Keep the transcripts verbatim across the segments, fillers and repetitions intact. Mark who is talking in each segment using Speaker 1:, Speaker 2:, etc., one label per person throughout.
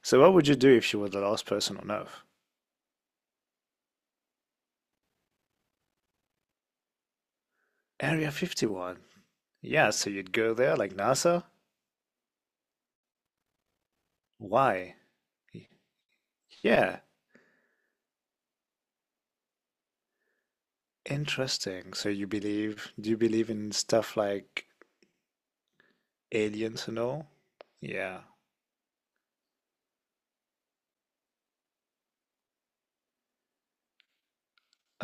Speaker 1: So what would you do if you were the last person on Earth? Area fifty-one. Yeah, so you'd go there like NASA? Why? Yeah, interesting. So you believe, do you believe in stuff like aliens and all? Yeah.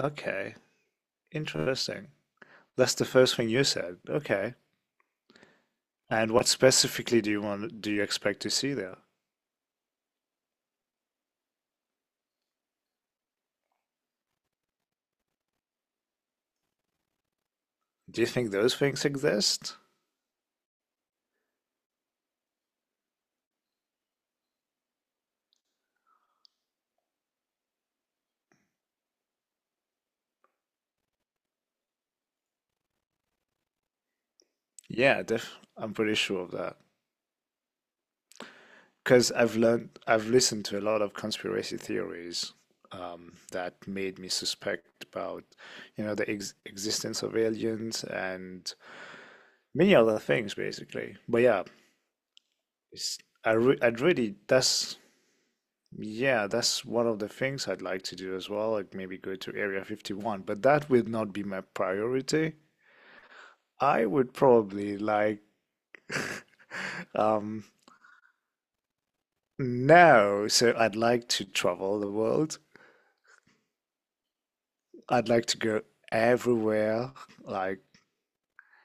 Speaker 1: Okay. Interesting. That's the first thing you said. Okay. And what specifically do you want, do you expect to see there? Do you think those things exist? Yeah, def I'm pretty sure of that. because I've learned, I've listened to a lot of conspiracy theories um, that made me suspect about, you know, the ex existence of aliens and many other things, basically. But yeah, it's, I re I'd really, that's, yeah, that's one of the things I'd like to do as well. Like maybe go to Area fifty-one, but that would not be my priority. I would probably like, um, no, so I'd like to travel the world. I'd like to go everywhere. Like,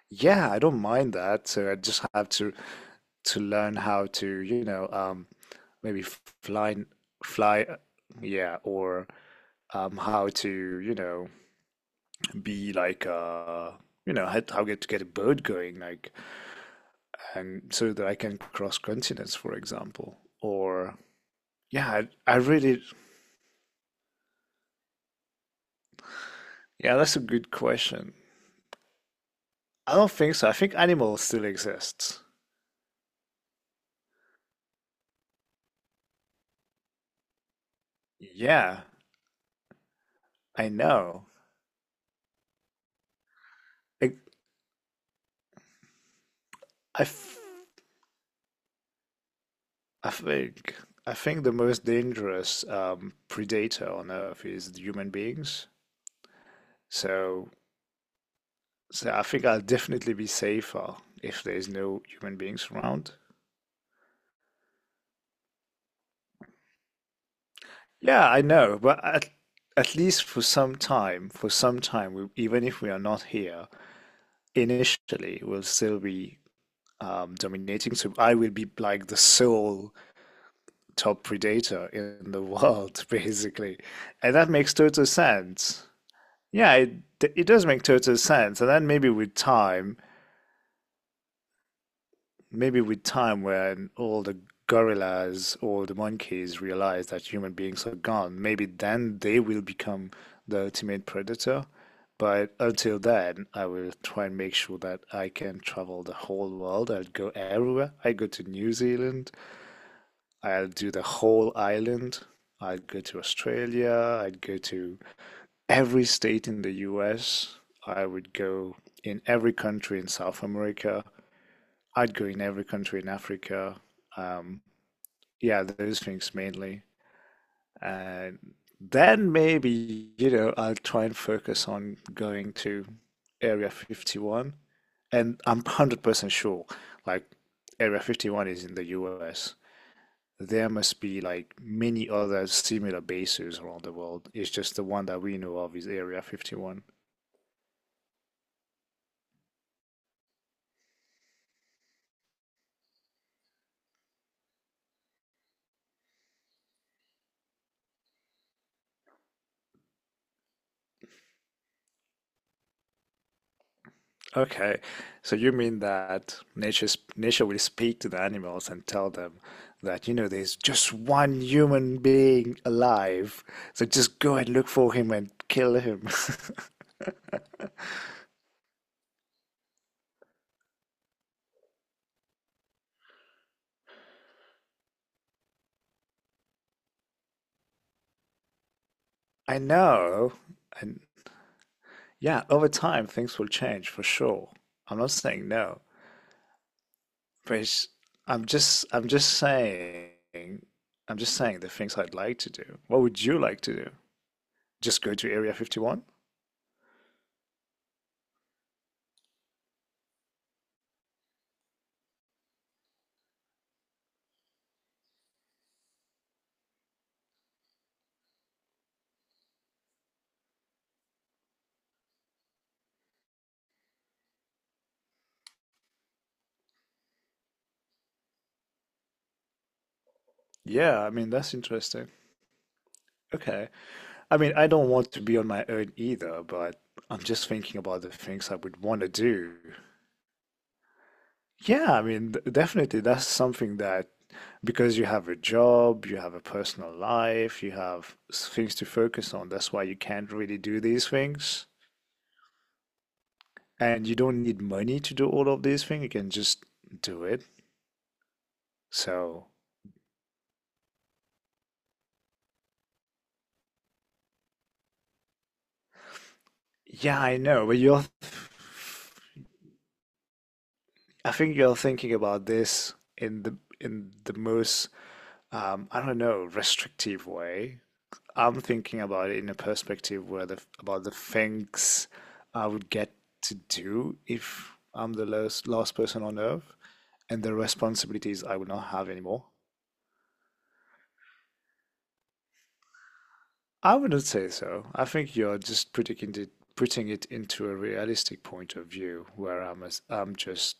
Speaker 1: yeah, I don't mind that. So I just have to to learn how to, you know, um, maybe f- fly, fly, uh, yeah, or um, how to, you know, be like, uh, you know, how, how get to get a boat going, like, and so that I can cross continents, for example. Or, yeah, I, I really, yeah, that's a good question. I don't think so. I think animals still exist. Yeah, I know. I, I, f- I think I think the most dangerous um, predator on Earth is the human beings. So so I think I'll definitely be safer if there's no human beings around. Yeah, I know, but at at least for some time, for some time, we, even if we are not here initially, we'll still be um, dominating. So I will be like the sole top predator in the world, basically, and that makes total sense. Yeah, it it does make total sense. And then maybe with time, maybe with time when all the gorillas or the monkeys realize that human beings are gone, maybe then they will become the ultimate predator. But until then, I will try and make sure that I can travel the whole world. I'll go everywhere. I go to New Zealand. I'll do the whole island. I'd go to Australia. I'd go to every state in the U S. I would go in every country in South America. I'd go in every country in Africa. Um, yeah, those things mainly. And then maybe, you know, I'll try and focus on going to Area fifty-one. And I'm one hundred percent sure, like, Area fifty-one is in the U S. There must be like many other similar bases around the world. It's just the one that we know of is Area fifty-one. Okay, so you mean that nature sp- nature will speak to the animals and tell them that you know there's just one human being alive, so just go and look for him and kill him. I know, and yeah, over time things will change for sure. I'm not saying no, but it's- I'm just I'm just saying I'm just saying the things I'd like to do. What would you like to do? Just go to Area fifty-one? Yeah, I mean that's interesting. Okay. I mean, I don't want to be on my own either, but I'm just thinking about the things I would want to do. Yeah, I mean, th- definitely that's something that because you have a job, you have a personal life, you have s- things to focus on. That's why you can't really do these things. And you don't need money to do all of these things. You can just do it. So, yeah, I know, but you're, I think you're thinking about this in the in the most, um, I don't know, restrictive way. I'm thinking about it in a perspective where the about the things I would get to do if I'm the last last person on earth and the responsibilities I would not have anymore. I wouldn't say so. I think you're just putting it putting it into a realistic point of view where I'm as I'm just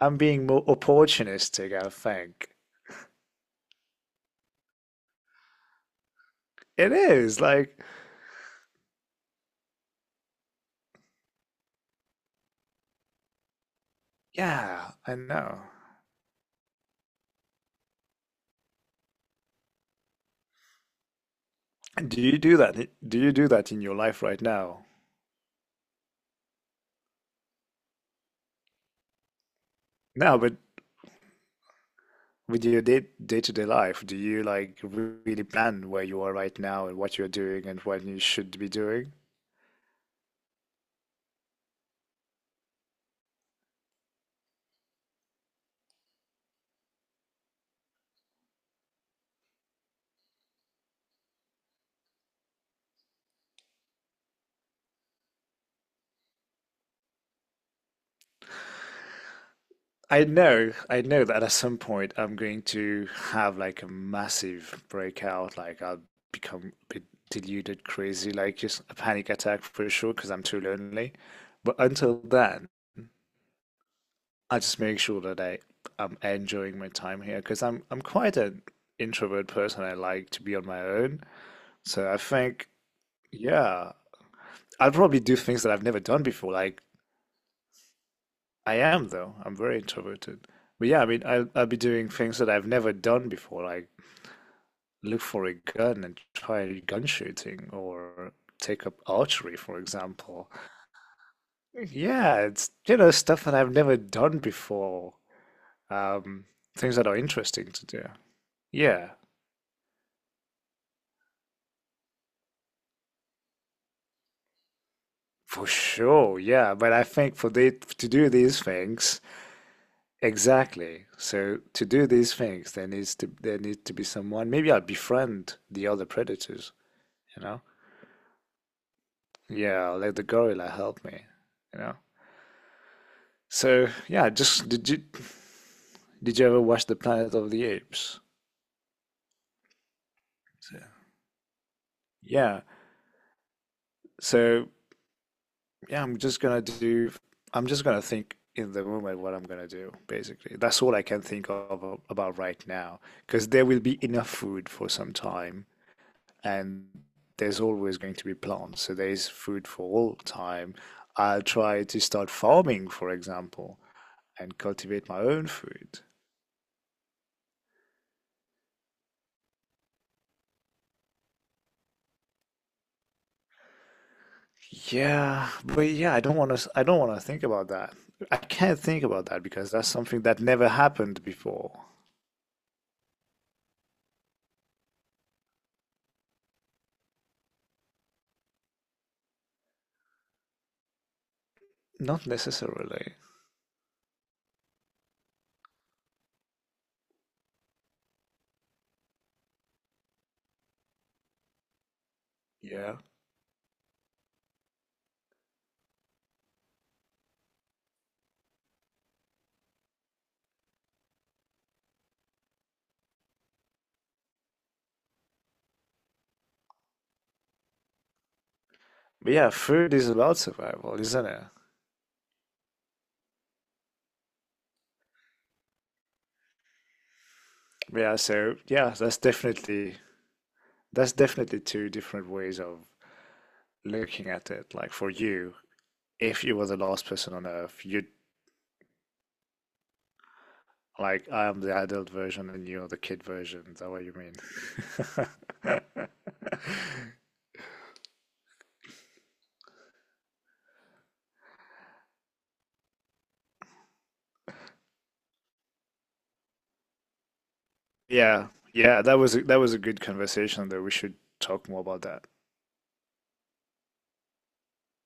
Speaker 1: I'm being more opportunistic, I think. It is like, yeah, I know. Do you do that? Do you do that in your life right now? No, but with your day day-to-day life, do you like really plan where you are right now and what you're doing and what you should be doing? I know, I know that at some point I'm going to have like a massive breakout, like I'll become a bit deluded, crazy, like just a panic attack for sure because I'm too lonely. But until then, I just make sure that I I'm enjoying my time here because I'm I'm quite an introvert person. I like to be on my own. So I think, yeah, I'll probably do things that I've never done before. Like I am though. I'm very introverted. But yeah, I mean, I'll I'll be doing things that I've never done before, like look for a gun and try gun shooting or take up archery, for example. Yeah, it's you know stuff that I've never done before. Um, things that are interesting to do. Yeah, for sure. Yeah, but I think for the to do these things, exactly. So to do these things, there needs to there need to be someone. Maybe I'll befriend the other predators, you know? Yeah, I'll let the gorilla help me, you know? So yeah, just did you did you ever watch The Planet of the Apes? So, yeah. So yeah, I'm just gonna do I'm just gonna think in the moment what I'm gonna do, basically. That's all I can think of about right now, because there will be enough food for some time and there's always going to be plants, so there is food for all time. I'll try to start farming, for example, and cultivate my own food. Yeah, but yeah, I don't want to. I don't want to think about that. I can't think about that because that's something that never happened before. Not necessarily. Yeah. But yeah, food is about survival, isn't it? Yeah, so yeah, that's definitely that's definitely two different ways of looking at it. Like for you, if you were the last person on Earth, you'd like I am the adult version and you're the kid version. Is that what you mean? Yeah, yeah, that was a, that was a good conversation though. We should talk more about that.